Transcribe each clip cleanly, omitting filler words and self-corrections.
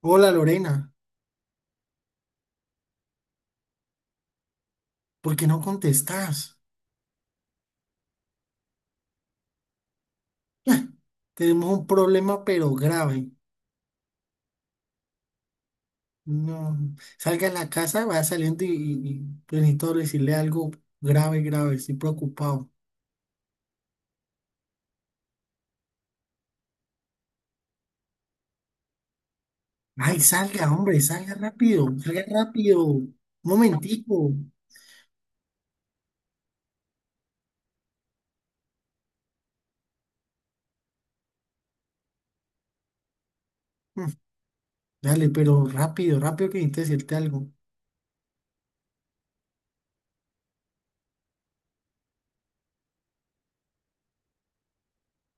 Hola Lorena, ¿por qué no contestás? Ah, Tenemos un problema pero grave. No, salga a la casa, vaya saliendo pues, necesito decirle algo grave, grave, estoy preocupado. Ay, salga, hombre, salga rápido, salga rápido. Un momentico. Mm, Dale, pero rápido, rápido que necesito decirte algo.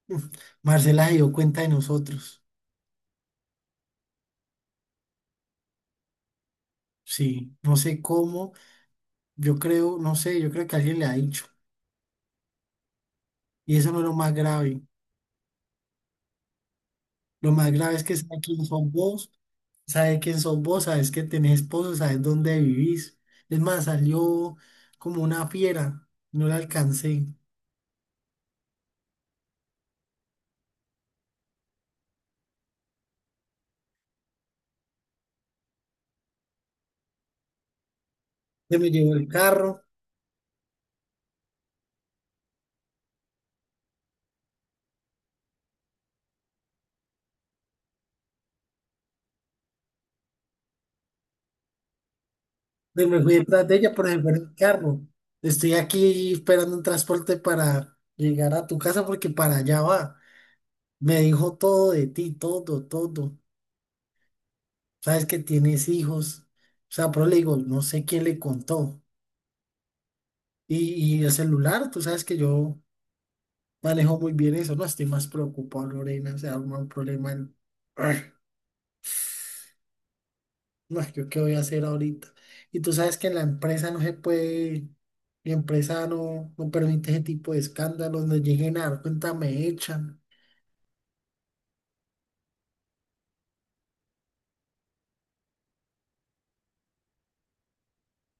Mm, Marcela se dio cuenta de nosotros. Sí, no sé cómo, yo creo, no sé, yo creo que alguien le ha dicho. Y eso no es lo más grave. Lo más grave es que sabe quién son vos, sabes quién son vos, sabes que tenés esposo, sabes dónde vivís. Es más, salió como una fiera, no la alcancé. Se me llevó el carro, se me fui detrás de ella, pero se fue en el carro. Estoy aquí esperando un transporte para llegar a tu casa porque para allá va. Me dijo todo de ti, todo, todo. Sabes que tienes hijos. O sea, pero le digo, no sé quién le contó. Y el celular, tú sabes que yo manejó muy bien eso. No estoy más preocupado, Lorena. Se arma un problema. En... Arr, no, ¿yo qué voy a hacer ahorita? Y tú sabes que en la empresa no se puede, mi empresa no permite ese tipo de escándalos. No lleguen a dar cuenta, me echan.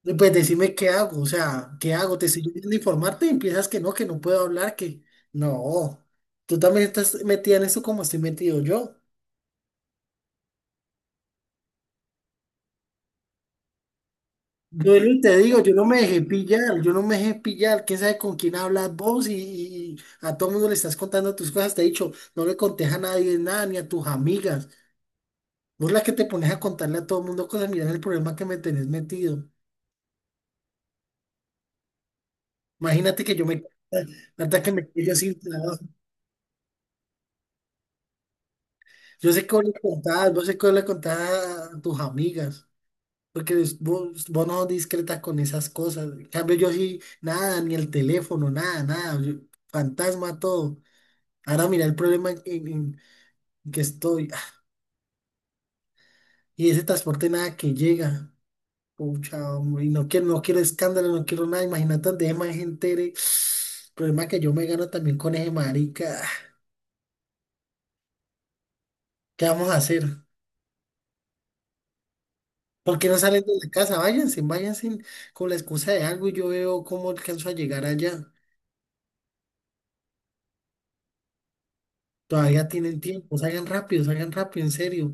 Y pues decime qué hago, o sea, ¿qué hago? Te estoy pidiendo informarte y empiezas que no puedo hablar, que no. Tú también estás metida en eso como estoy metido yo. Duelo, te digo, yo no me dejé pillar, yo no me dejé pillar, quién sabe con quién hablas vos y a todo mundo le estás contando tus cosas, te he dicho, no le contés a nadie nada, ni a tus amigas, vos la que te pones a contarle a todo mundo cosas, mirá el problema que me tenés metido, imagínate que yo me, hasta que me quedo sin trabajo, yo sé que vos le contás, vos sé que vos le contás a tus amigas, porque vos no sos discreta con esas cosas, en cambio yo sí, nada, ni el teléfono, nada, nada, yo fantasma todo. Ahora mira el problema en que estoy. Y ese transporte nada que llega. Pucha, hombre, y no quiero, no quiero escándalo, no quiero nada. Imagínate donde más gente entere. Problema que yo me gano también con ese marica. ¿Qué vamos a hacer? ¿Por qué no salen de la casa? Váyanse, váyanse con la excusa de algo y yo veo cómo alcanzo a llegar allá. Todavía tienen tiempo, salgan rápido, en serio.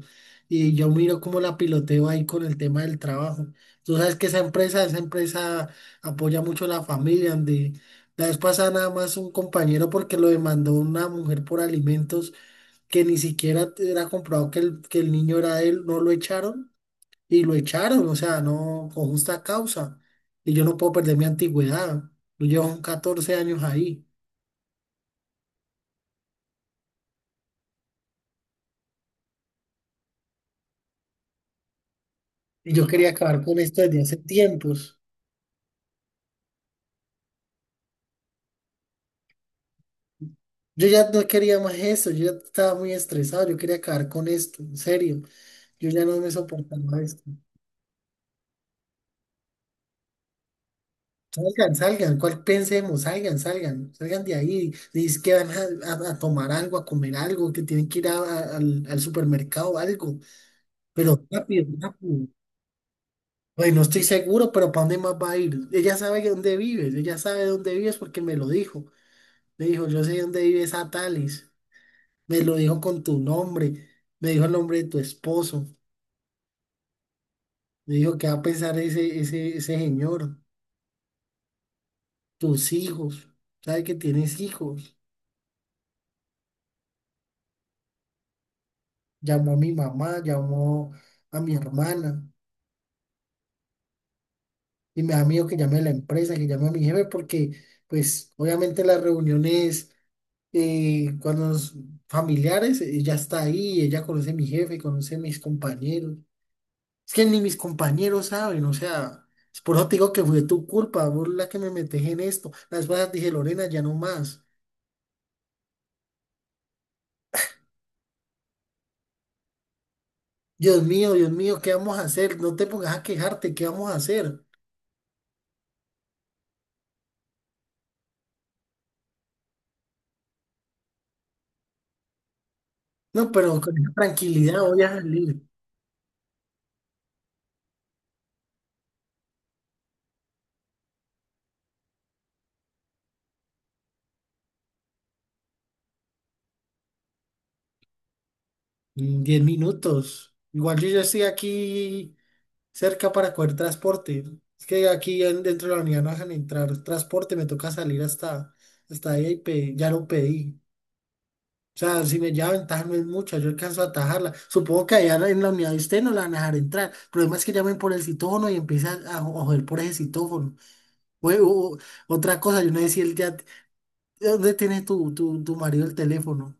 Y yo miro cómo la piloteo ahí con el tema del trabajo. Tú sabes que esa empresa apoya mucho a la familia, donde la vez pasada nada más un compañero porque lo demandó una mujer por alimentos que ni siquiera era comprobado que que el niño era de él, no lo echaron y lo echaron, o sea, no con justa causa. Y yo no puedo perder mi antigüedad. Yo llevo 14 años ahí y yo quería acabar con esto desde hace tiempos. Yo ya no quería más esto, yo ya estaba muy estresado, yo quería acabar con esto, en serio, yo ya no me soportaba esto. Salgan, salgan, ¿cuál pensemos? Salgan, salgan, salgan de ahí. Dice que van a tomar algo, a comer algo, que tienen que ir al supermercado o algo, pero rápido, rápido. Bueno, no estoy seguro, pero ¿para dónde más va a ir? Ella sabe que dónde vives, ella sabe dónde vives porque me lo dijo. Me dijo, yo sé dónde vives a Tales, me lo dijo con tu nombre, me dijo el nombre de tu esposo. Le digo, ¿qué va a pensar ese señor? Tus hijos, ¿sabe que tienes hijos? Llamó a mi mamá, llamó a mi hermana y me da miedo que llame a la empresa, que llame a mi jefe, porque pues obviamente las reuniones cuando los familiares, ella está ahí, ella conoce a mi jefe, conoce a mis compañeros. Es que ni mis compañeros saben, o sea, es por eso te digo que fue tu culpa, vos la que me metes en esto. Las cosas dije, Lorena, ya no más. Dios mío, ¿qué vamos a hacer? No te pongas a quejarte, ¿qué vamos a hacer? No, pero con esa tranquilidad voy a salir. En 10 minutos. Igual yo ya estoy aquí cerca para coger transporte. Es que aquí dentro de la unidad no dejan entrar transporte, me toca salir hasta, hasta ahí y ya lo pedí. O sea, si me lleva ventaja no es mucha, yo alcanzo a atajarla. Supongo que allá en la unidad de usted no la van a dejar entrar. El problema es que llamen por el citófono y empiezan a, a joder por ese citófono. o- o- Otra cosa, yo no sé si él ya ¿dónde tiene tu marido el teléfono?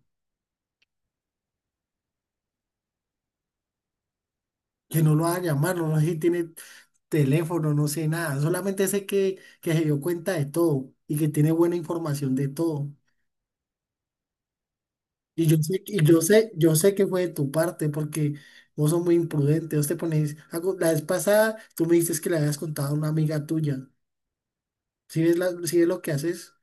Que no lo va a llamar, no sé si tiene teléfono, no sé nada. Solamente sé que se dio cuenta de todo y que tiene buena información de todo. Yo sé que fue de tu parte porque vos sos muy imprudente. Vos te pones, la vez pasada tú me dices que le habías contado a una amiga tuya. ¿Sí ves, sí ves lo que haces?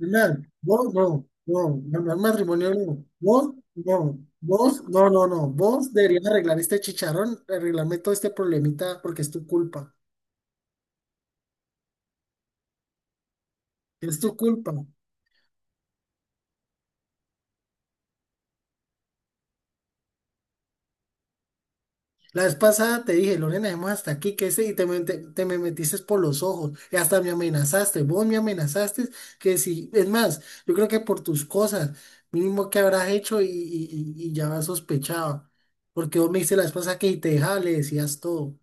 Pilar, vos no, no, no, no, matrimonio no. No. Vos deberías arreglar este chicharrón, arreglarme todo este problemita porque es tu culpa. Es tu culpa. La vez pasada te dije, Lorena, dejemos hasta aquí, que ese, te me metiste por los ojos, y hasta me amenazaste, vos me amenazaste, que si, es más, yo creo que por tus cosas, mínimo que habrás hecho y ya sospechaba, porque vos me dices la vez pasada que si te dejaba, le decías todo.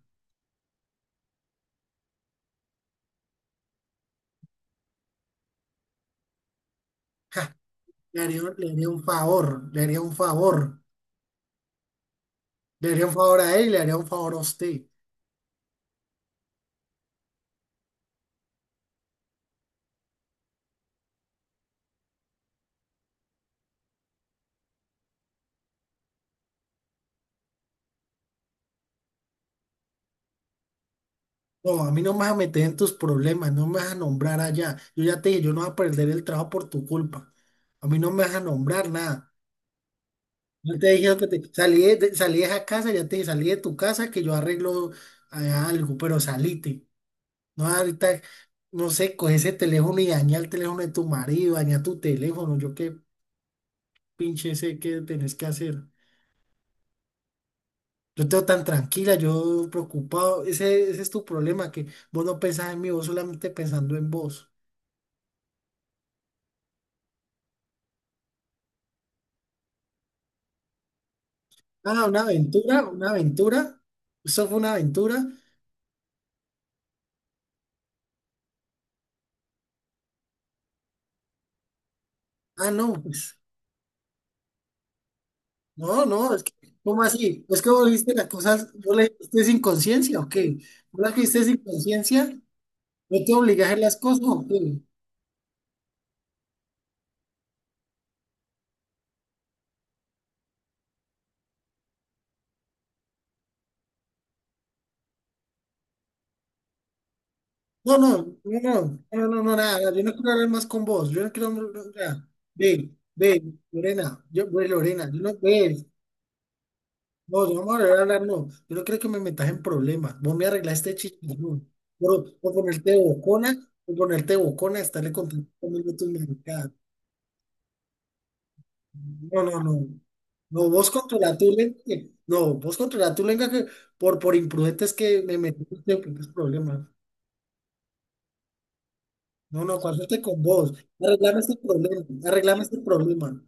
Le haría un favor, le haría un favor, le haría un favor a él y le haría un favor a usted. No, a mí no me vas a meter en tus problemas, no me vas a nombrar allá. Yo ya te dije, yo no voy a perder el trabajo por tu culpa. A mí no me vas a nombrar nada. Yo te dije que te, salí salí de esa casa, ya te dije, salí de tu casa que yo arreglo algo, pero salite. No, ahorita, no sé, coge ese teléfono y daña el teléfono de tu marido, daña tu teléfono. Yo qué pinche sé qué tenés que hacer. Yo te veo tan tranquila, yo preocupado. Ese es tu problema, que vos no pensás en mí, vos solamente pensando en vos. Ah, una aventura, una aventura. Eso fue una aventura. Ah, no, pues, no, ¿cómo así? Es que vos viste las cosas, vos las viste sin conciencia, ¿o qué? Vos las viste sin conciencia, no te obligas a hacer las cosas, ¿o qué? Nada, yo no quiero hablar más con vos, yo no quiero, hablar, nada. Lorena, Lorena, yo no, ve. No, no vamos a volver a hablar, no. Yo no creo que me metas en problemas. Vos me arreglaste chicharrón. Por, por ponerte bocona, por ponerte bocona, estarle contando conmigo tus maricadas. No, no, no. No, vos controla tu lengua. No, vos controla tu lengua que por imprudentes que me metiste en tus problemas. No, no, cuándo con vos. Arreglame este problema. Arreglame este problema.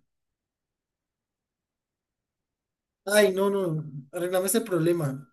Ay, no, no. Arreglame este problema.